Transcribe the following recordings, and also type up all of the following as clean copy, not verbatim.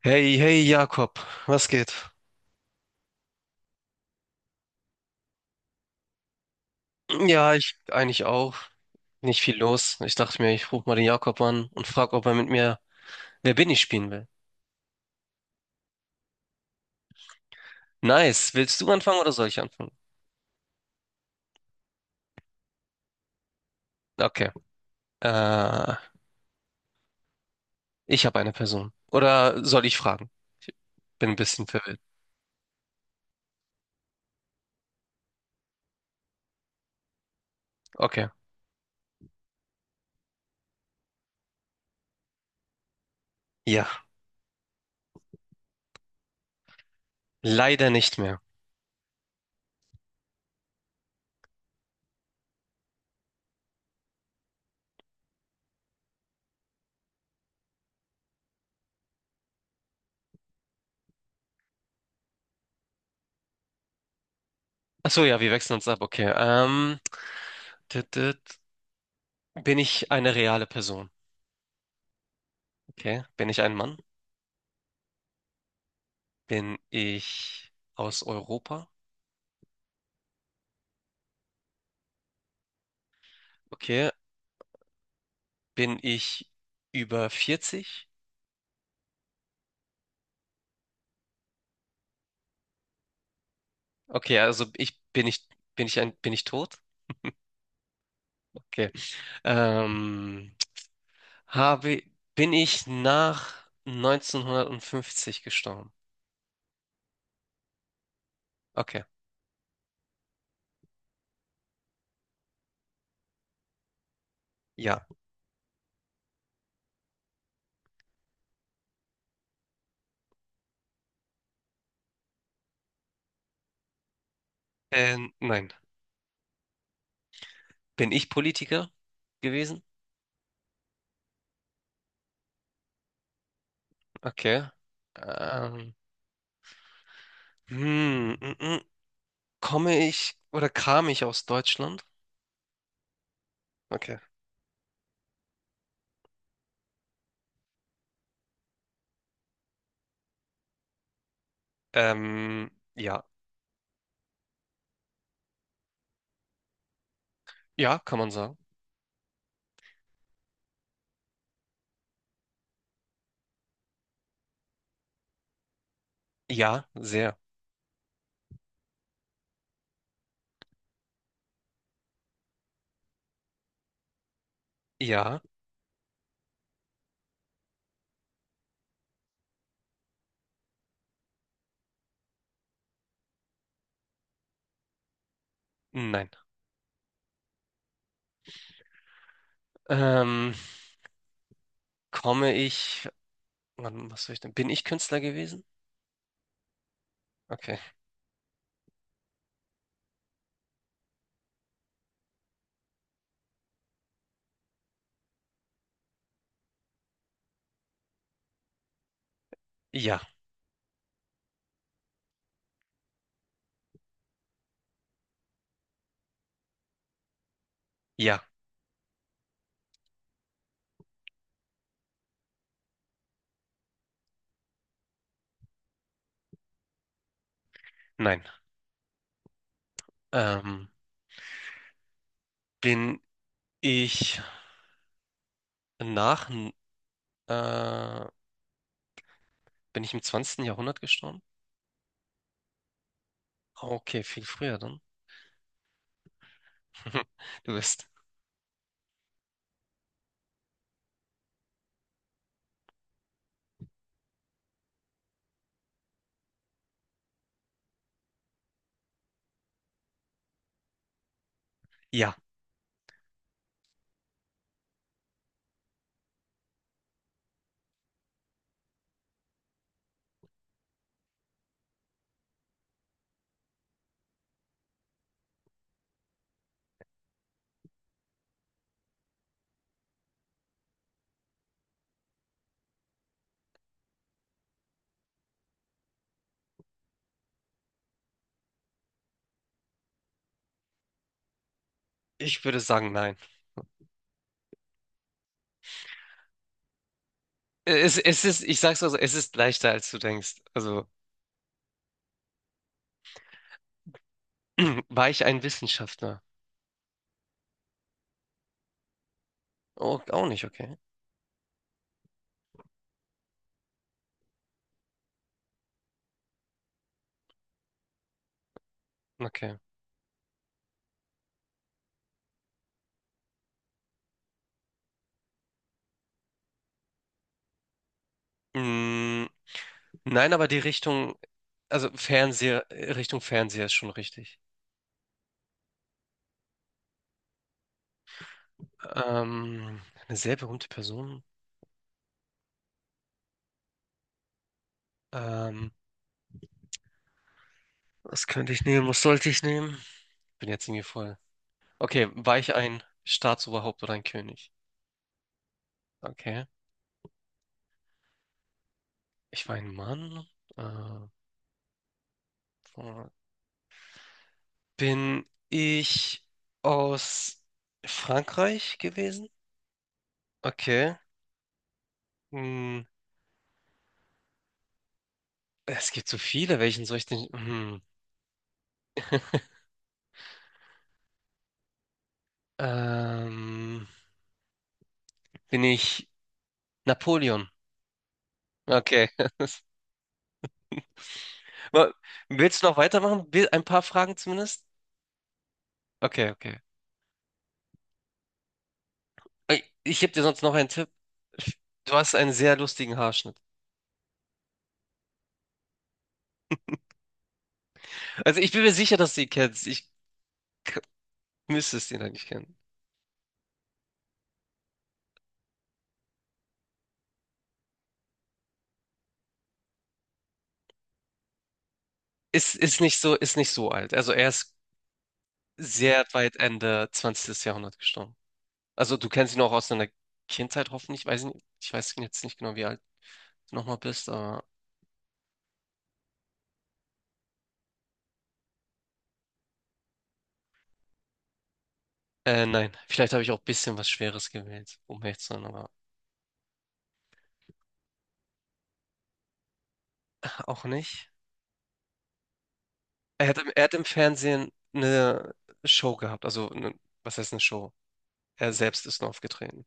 Hey, hey Jakob, was geht? Ja, ich eigentlich auch. Nicht viel los. Ich dachte mir, ich rufe mal den Jakob an und frage, ob er mit mir Wer bin ich spielen will. Nice. Willst du anfangen oder soll ich anfangen? Okay. Äh, Ich habe eine Person. Oder soll ich fragen? Ich bin ein bisschen verwirrt. Okay. Ja, leider nicht mehr. Ach so, ja, wir wechseln uns ab. Okay. Tüt, tüt. Bin ich eine reale Person? Okay. Bin ich ein Mann? Bin ich aus Europa? Okay. Bin ich über 40? Okay, also ich bin ich bin ich ein bin ich tot? Okay. Ähm, habe bin ich nach neunzehnhundertfünfzig gestorben? Okay. Ja. Nein. Bin ich Politiker gewesen? Okay. Ähm, hm, mm, mm. Komme ich oder kam ich aus Deutschland? Okay. Ja. Ja, kann man sagen. Ja, sehr. Ja, nein. Ähm, komme ich Wann, was soll ich denn? Bin ich Künstler gewesen? Okay. Ja, ja, nein. Ähm, bin ich nach, äh, bin ich im zwanzigsten Jahrhundert gestorben? Okay, viel früher dann. Du bist. Ja, ich würde sagen, nein. Es ist, ich sag's mal so, es ist leichter, als du denkst. Also, war ich ein Wissenschaftler? Oh, auch nicht, okay. Okay. Mm, nein, aber die Richtung, also Fernseher, Richtung Fernseher ist schon richtig. Ähm, eine sehr berühmte Person. Ähm, Was könnte ich nehmen? Was sollte ich nehmen? Bin jetzt irgendwie voll. Okay, war ich ein Staatsoberhaupt oder ein König? Okay. Ich war ein Mann. Äh, Bin ich aus Frankreich gewesen? Okay. Hm, es gibt so viele. Welchen soll ich denn? Hm. Ähm, Bin ich Napoleon? Okay. Wa- Willst du noch weitermachen? Ein paar Fragen zumindest? Okay, okay. Ey, ich gebe dir sonst noch einen Tipp. Du hast einen sehr lustigen Haarschnitt. Also ich bin mir sicher, dass du ihn kennst. K- Müsste es ihn eigentlich kennen. Ist nicht so, ist nicht so alt. Also er ist sehr weit Ende 20. Jahrhundert gestorben. Also du kennst ihn auch aus deiner Kindheit hoffentlich. Weiß ich nicht, ich weiß jetzt nicht genau, wie alt du nochmal bist, aber nein. Vielleicht habe ich auch ein bisschen was Schweres gewählt, um ehrlich zu sein, aber auch nicht. Er hat im Fernsehen eine Show gehabt. Also eine, was heißt eine Show? Er selbst ist nur aufgetreten.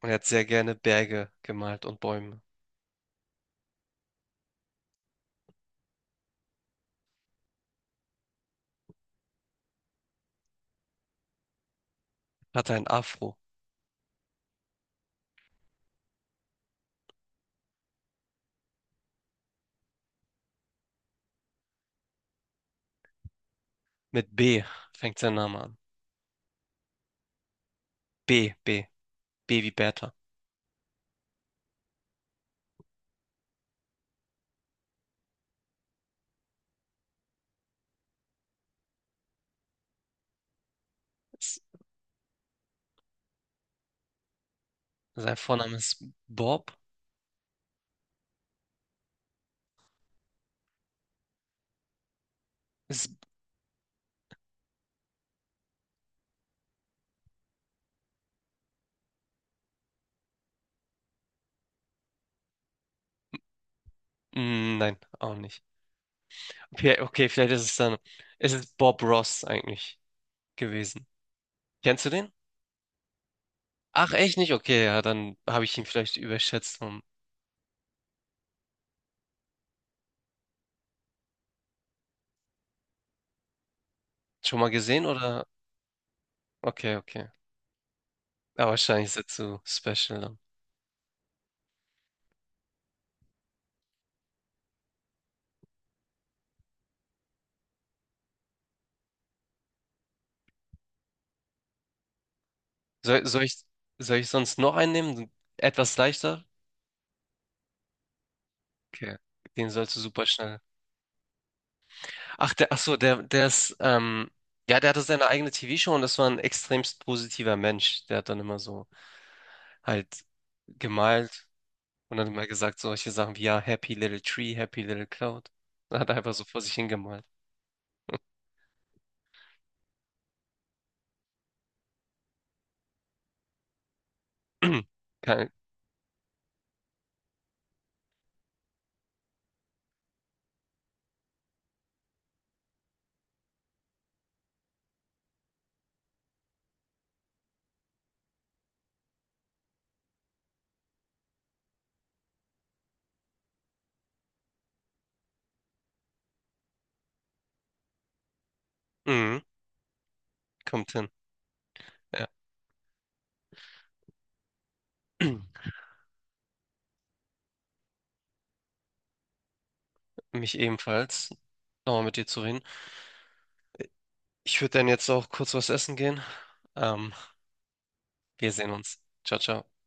Und er hat sehr gerne Berge gemalt und Bäume. Hatte ein Afro. Mit B fängt sein Name an. B, B, B wie Bertha. Ist, Sein Vorname ist Bob? Ist, mm, nein, auch nicht. Okay, okay, vielleicht ist es dann, ist es Bob Ross eigentlich gewesen. Kennst du den? Ach, echt nicht? Okay, ja, dann habe ich ihn vielleicht überschätzt. Hm. Schon mal gesehen oder? Okay, okay. Aber wahrscheinlich ist er zu special dann. Soll, soll ich, soll ich sonst noch einen nehmen? Etwas leichter? Okay. Den sollst du super schnell Ach so, der ist ja, der hatte seine eigene TV-Show und das war ein extremst positiver Mensch. Der hat dann immer so halt gemalt und dann immer gesagt solche Sachen wie, ja, Happy Little Tree, Happy Little Cloud. Dann hat er einfach so vor sich hingemalt. Kein, mhm, kommt hin. Ja. Mich ebenfalls. Nochmal mit dir zu reden. Ich würde dann jetzt auch kurz was essen gehen. Ähm, Wir sehen uns. Ciao, ciao.